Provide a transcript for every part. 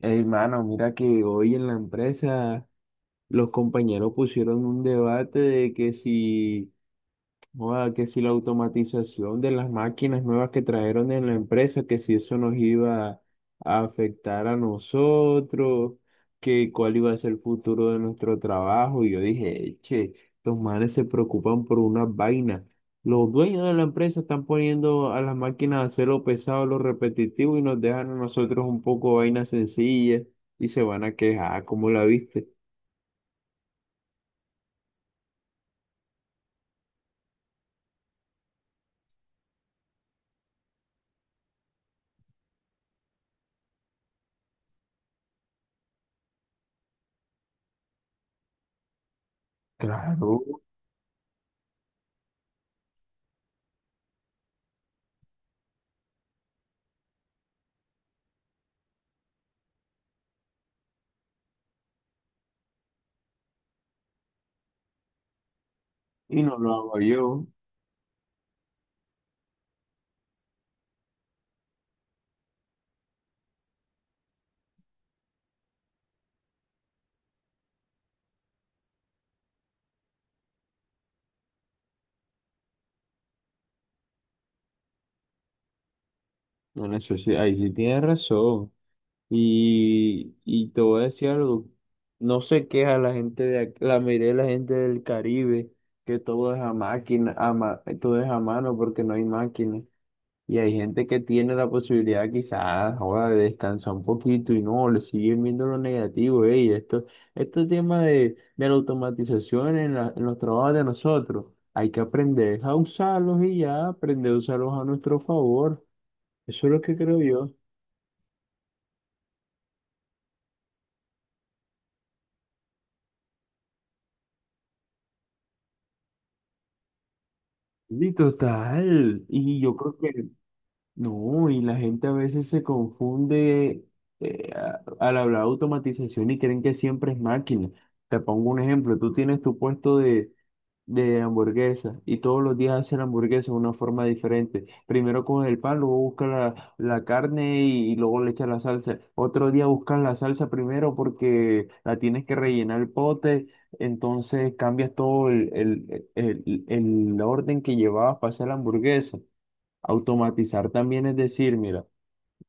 Hermano, mira que hoy en la empresa los compañeros pusieron un debate de que si joda, que si la automatización de las máquinas nuevas que trajeron en la empresa, que si eso nos iba a afectar a nosotros, que cuál iba a ser el futuro de nuestro trabajo. Y yo dije, che, estos manes se preocupan por una vaina. Los dueños de la empresa están poniendo a las máquinas a hacer lo pesado, lo repetitivo y nos dejan a nosotros un poco vainas sencillas y se van a quejar. ¿Cómo la viste? Claro, y no lo hago yo. No, eso sí, ahí sí tienes razón. Y te voy a decir algo, no se queja la gente de la mayoría de la gente del Caribe, que todo es a máquina, a todo es a mano porque no hay máquina. Y hay gente que tiene la posibilidad quizás ahora de descansar un poquito y no, le siguen viendo lo negativo, ey, esto, este tema de la automatización en, en los trabajos de nosotros, hay que aprender a usarlos y ya, aprender a usarlos a nuestro favor. Eso es lo que creo yo. Sí, total. Y yo creo que no, y la gente a veces se confunde al hablar de automatización y creen que siempre es máquina. Te pongo un ejemplo, tú tienes tu puesto de hamburguesa y todos los días hacen hamburguesa de una forma diferente. Primero coge el pan, luego buscas la carne y luego le echas la salsa. Otro día buscas la salsa primero porque la tienes que rellenar el pote, entonces cambias todo el orden que llevabas para hacer la hamburguesa. Automatizar también es decir, mira,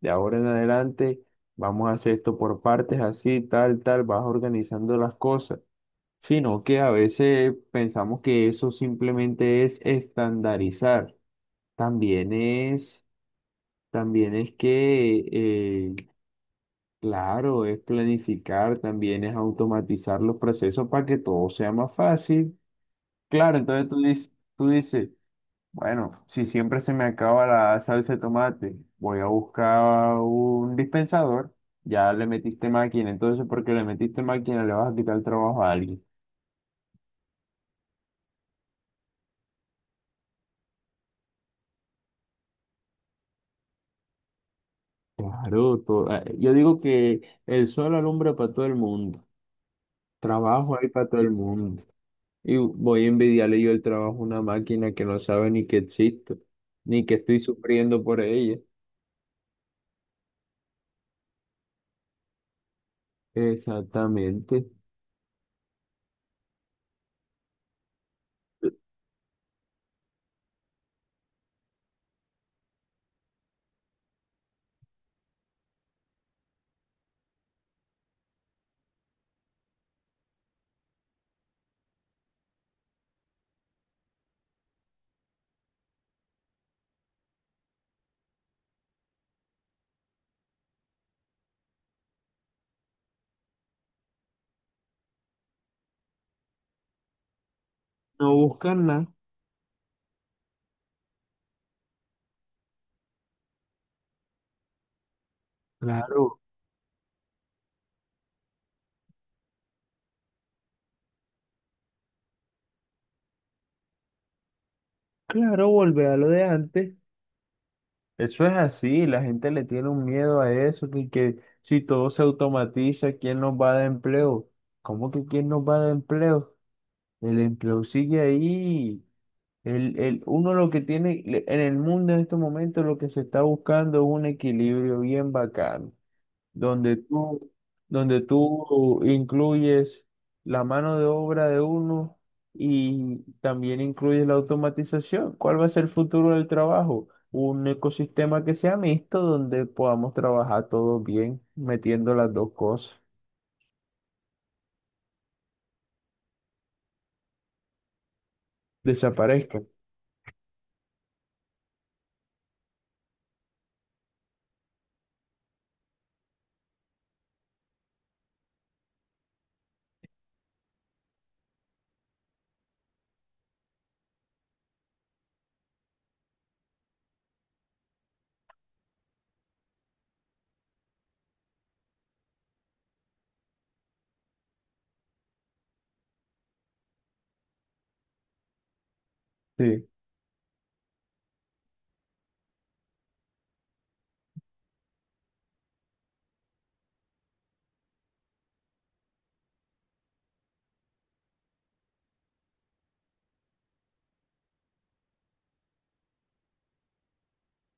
de ahora en adelante vamos a hacer esto por partes, así, tal, tal, vas organizando las cosas, sino que a veces pensamos que eso simplemente es estandarizar. También es, también es que, claro, es planificar, también es automatizar los procesos para que todo sea más fácil. Claro, entonces tú dices, bueno, si siempre se me acaba la salsa de tomate, voy a buscar un dispensador. Ya le metiste máquina, entonces porque le metiste máquina le vas a quitar el trabajo a alguien. Claro, yo digo que el sol alumbra para todo el mundo, trabajo hay para todo el mundo. Y voy a envidiarle yo el trabajo a una máquina que no sabe ni que existo, ni que estoy sufriendo por ella. Exactamente. No buscan nada. Claro, claro, volver a lo de antes. Eso es así, la gente le tiene un miedo a eso, que si todo se automatiza, ¿quién nos va a dar empleo? ¿Cómo que quién nos va a dar empleo? El empleo sigue ahí. Uno lo que tiene en el mundo en estos momentos lo que se está buscando es un equilibrio bien bacano, donde tú, donde tú incluyes la mano de obra de uno y también incluyes la automatización. ¿Cuál va a ser el futuro del trabajo? Un ecosistema que sea mixto donde podamos trabajar todos bien, metiendo las dos cosas. Desaparezca. Sí.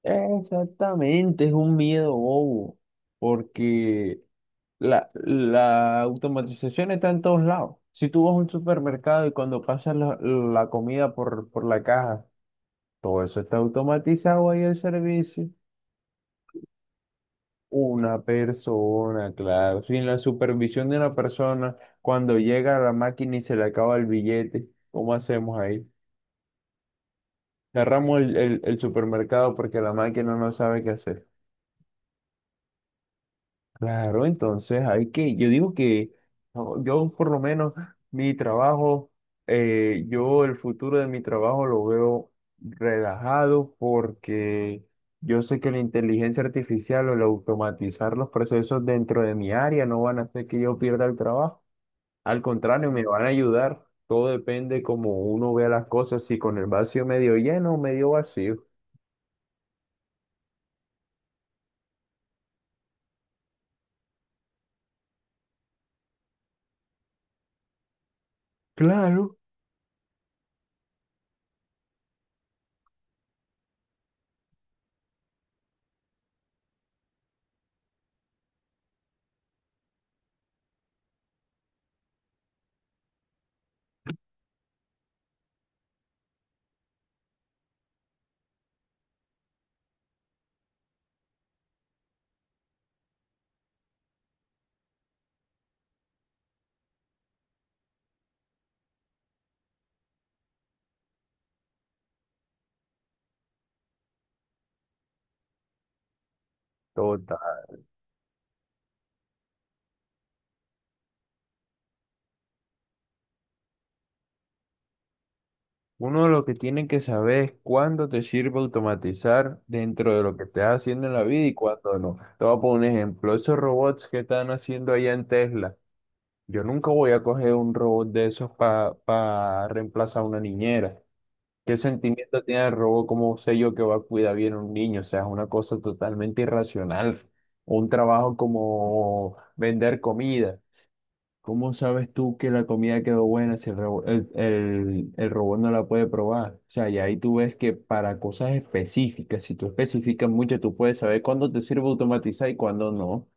Exactamente, es un miedo bobo, porque la automatización está en todos lados. Si tú vas a un supermercado y cuando pasas la comida por la caja, todo eso está automatizado ahí el servicio. Una persona, claro, sin la supervisión de una persona, cuando llega a la máquina y se le acaba el billete, ¿cómo hacemos ahí? Cerramos el supermercado porque la máquina no sabe qué hacer. Claro, entonces hay que, yo digo que no, yo por lo menos mi trabajo, yo el futuro de mi trabajo lo veo relajado porque yo sé que la inteligencia artificial o el automatizar los procesos dentro de mi área no van a hacer que yo pierda el trabajo. Al contrario, me van a ayudar. Todo depende cómo uno vea las cosas, si con el vacío medio lleno o medio vacío. Claro. Uno lo que tiene que saber es cuándo te sirve automatizar dentro de lo que estás haciendo en la vida y cuándo no. Te voy a poner un ejemplo. Esos robots que están haciendo allá en Tesla. Yo nunca voy a coger un robot de esos para reemplazar a una niñera. ¿Qué sentimiento tiene el robot? ¿Cómo sé yo que va a cuidar bien a un niño? O sea, es una cosa totalmente irracional. Un trabajo como vender comida. ¿Cómo sabes tú que la comida quedó buena si el, rebo- el robot no la puede probar? O sea, y ahí tú ves que para cosas específicas, si tú especificas mucho, tú puedes saber cuándo te sirve automatizar y cuándo no.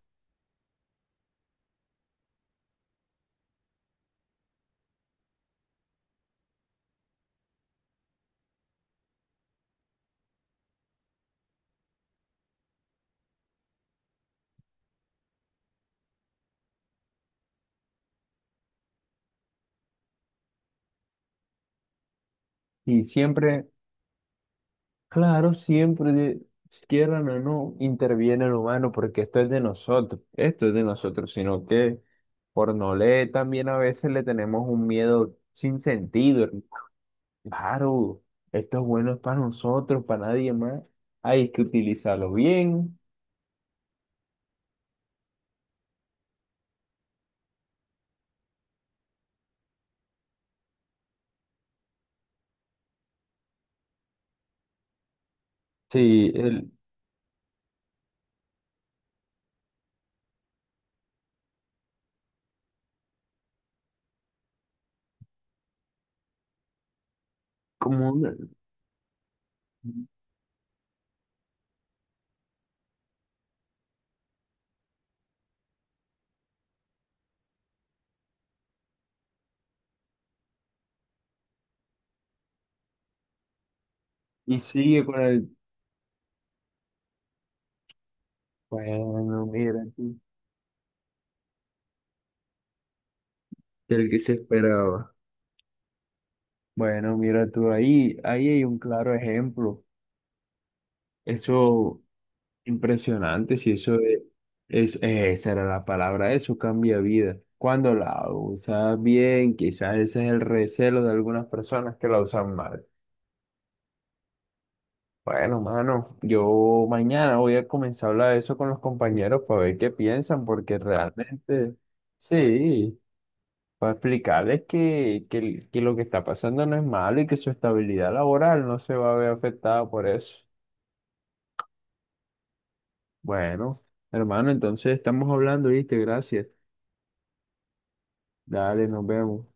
Y siempre, claro, siempre, quieran o no, interviene el humano porque esto es de nosotros, esto es de nosotros, sino que por no leer también a veces le tenemos un miedo sin sentido. Claro, esto es bueno para nosotros, para nadie más. Hay que utilizarlo bien. Sí, el, como una, y sigue con el. Bueno, mira tú. El que se esperaba. Bueno, mira tú, ahí, ahí hay un claro ejemplo. Eso impresionante, si eso es, esa era la palabra, eso cambia vida. Cuando la usas bien, quizás ese es el recelo de algunas personas que la usan mal. Bueno, mano, yo mañana voy a comenzar a hablar de eso con los compañeros para ver qué piensan, porque ah, realmente, sí, para explicarles que lo que está pasando no es malo y que su estabilidad laboral no se va a ver afectada por eso. Bueno, hermano, entonces estamos hablando, ¿viste? Gracias. Dale, nos vemos.